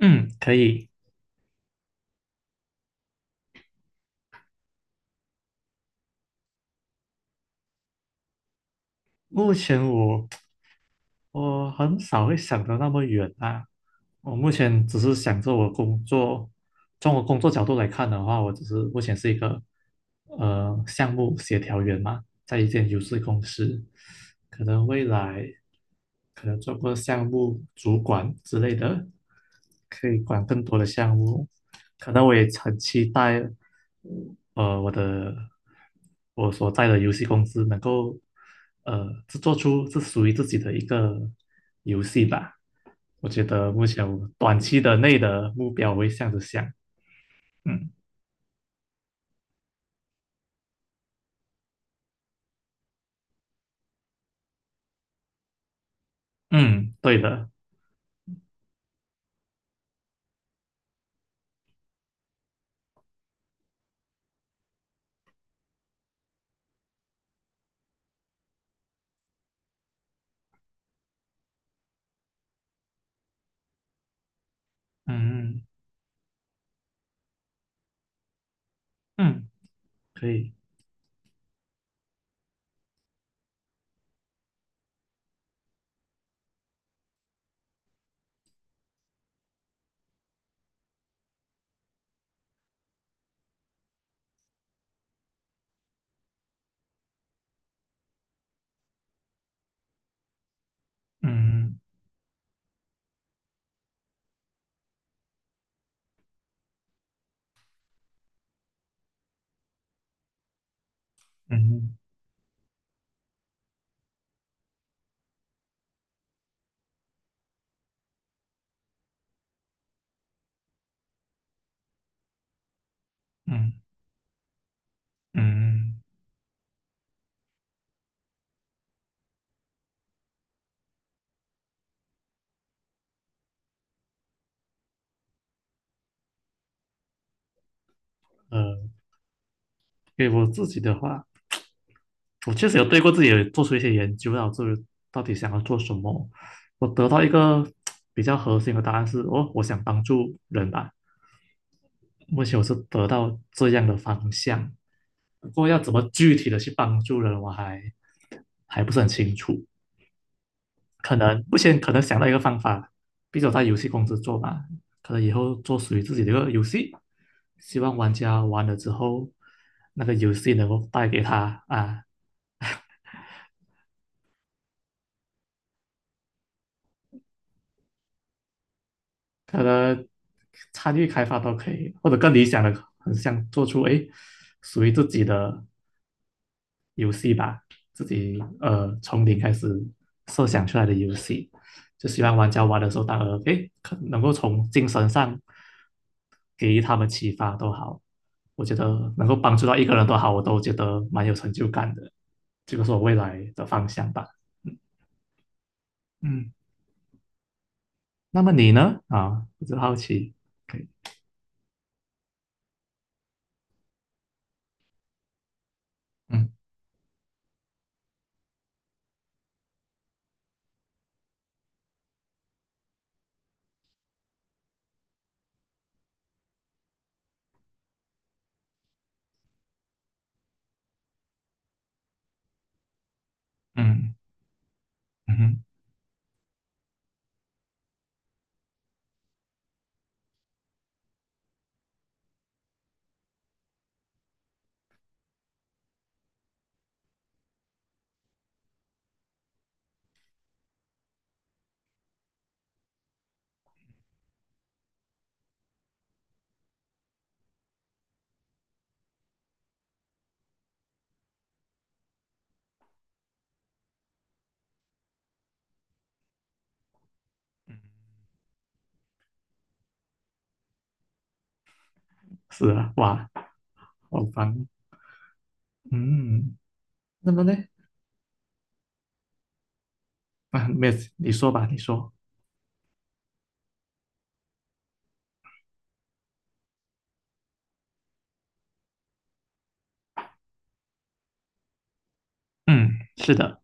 嗯，可以。目前我很少会想得那么远啊，我目前只是想着我工作，从我工作角度来看的话，我只是目前是一个项目协调员嘛，在一间游戏公司，可能未来可能做过项目主管之类的，可以管更多的项目，可能我也很期待。呃，我的我所在的游戏公司能够制作出是属于自己的一个游戏吧。我觉得目前我短期的内的目标我会这样子想，嗯嗯，对的，嗯嗯，嗯，可以，嗯嗯嗯嗯嗯，呃，给我自己的话。我确实有对过自己有做出一些研究，然后就是到底想要做什么，我得到一个比较核心的答案是，哦，我想帮助人吧。目前我是得到这样的方向，不过要怎么具体的去帮助人，我还不是很清楚。可能目前可能想到一个方法，毕竟我在游戏公司做吧。可能以后做属于自己的一个游戏，希望玩家玩了之后，那个游戏能够带给他啊参与开发都可以，或者更理想的，很想做出哎属于自己的游戏吧，自己从零开始设想出来的游戏，就希望玩家玩的时候，当然哎可能够从精神上给予他们启发都好，我觉得能够帮助到一个人都好，我都觉得蛮有成就感的，这个是我未来的方向吧。嗯嗯，那么你呢？啊，我就好奇。嗯嗯嗯哼，是啊，哇，好棒！嗯，那么呢？啊，没有，你说吧，你说。嗯，是的，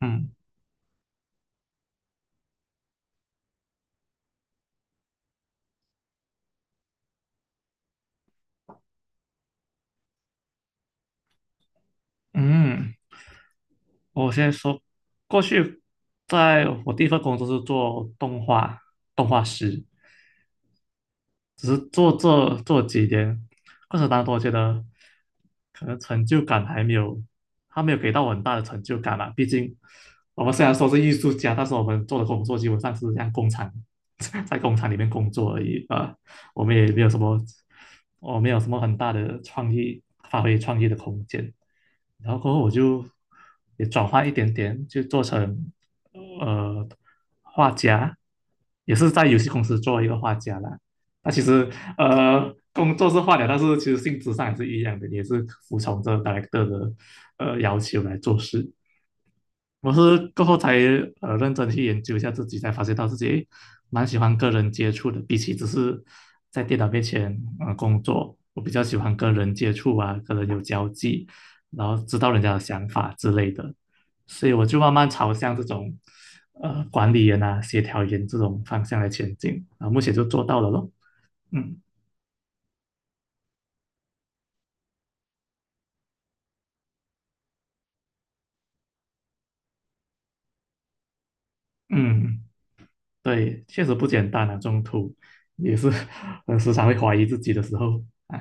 嗯嗯，我先说，过去在我第一份工作是做动画师，只是做做做几年，过程当中我觉得可能成就感还没有，他没有给到我很大的成就感啊。毕竟我们虽然说是艺术家，但是我们做的工作基本上是像工厂，在工厂里面工作而已啊。我们也没有什么，我没有什么很大的创意，发挥创意的空间。然后过后我就也转换一点点，就做成呃画家，也是在游戏公司做一个画家啦。那其实工作是画家，但是其实性质上也是一样的，也是服从着 director 的要求来做事。我是过后才认真去研究一下自己，才发现到自己诶蛮喜欢跟人接触的，比起只是在电脑面前工作，我比较喜欢跟人接触啊，跟人有交际，然后知道人家的想法之类的，所以我就慢慢朝向这种管理员啊、协调员这种方向来前进啊，目前就做到了咯。嗯嗯，对，确实不简单啊，中途也是 时常会怀疑自己的时候啊，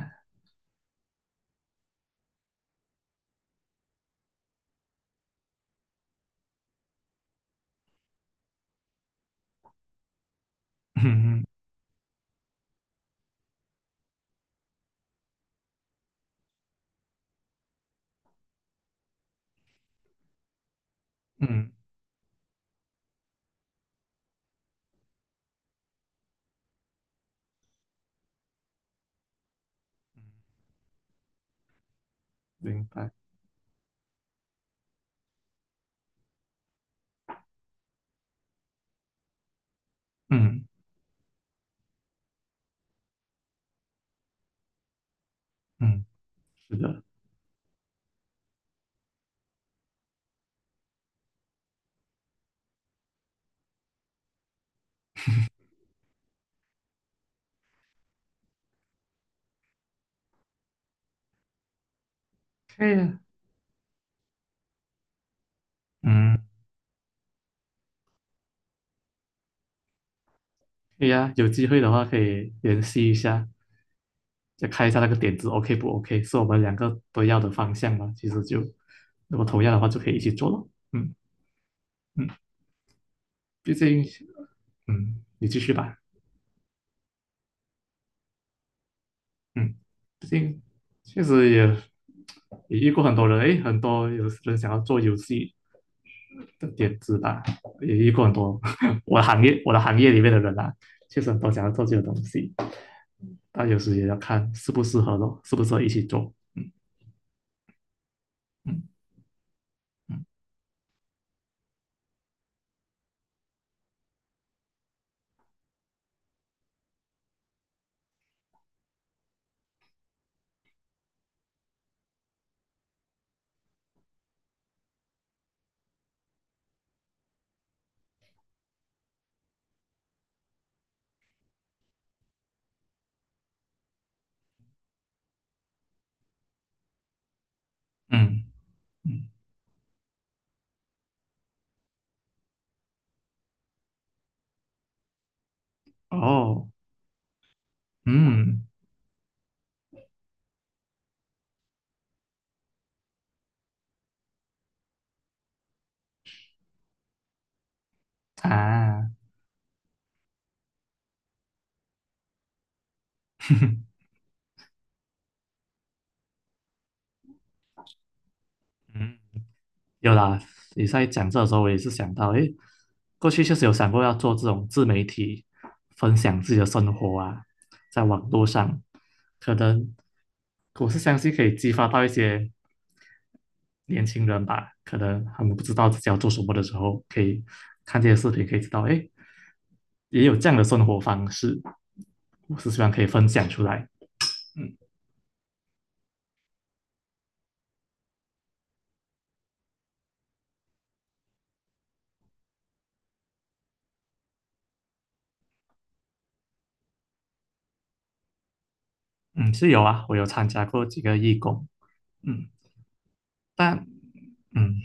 嗯嗯嗯。明白，嗯嗯，是的，可以啊，嗯，可以啊，有机会的话可以联系一下，再看一下那个点子 OK 不 OK，是我们两个都要的方向嘛，其实就如果同样的话就可以一起做了，嗯嗯，毕竟你继续吧，嗯毕竟确实也遇过很多人，诶，很多有人想要做游戏的点子吧，也遇过很多 我的行业里面的人啊，确实很多想要做这个东西，但有时也要看适不适合咯，适不适合一起做。嗯嗯嗯嗯嗯哦，嗯啊，嗯有啦，你在讲这的时候，我也是想到，诶，过去确实有想过要做这种自媒体，分享自己的生活啊，在网络上，可能我是相信可以激发到一些年轻人吧，可能他们不知道自己要做什么的时候，可以看这些视频，可以知道，哎，也有这样的生活方式，我是希望可以分享出来。嗯嗯，是有啊，我有参加过几个义工，嗯，但嗯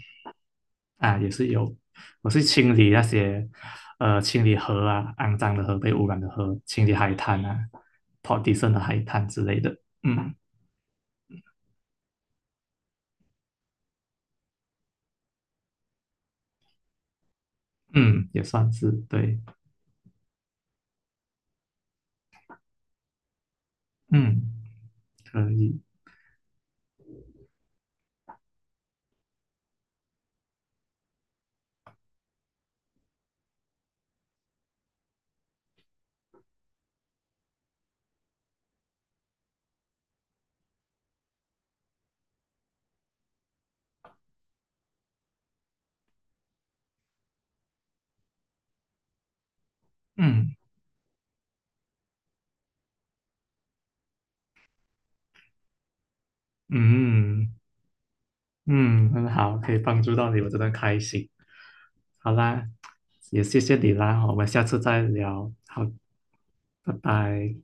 啊也是有，我是清理那些清理河啊，肮脏的河、被污染的河，清理海滩啊，跑地上的海滩之类的，嗯嗯，也算是对，嗯，可以，嗯嗯。嗯，很好，可以帮助到你，我真的开心。好啦，也谢谢你啦，我们下次再聊。好，拜拜。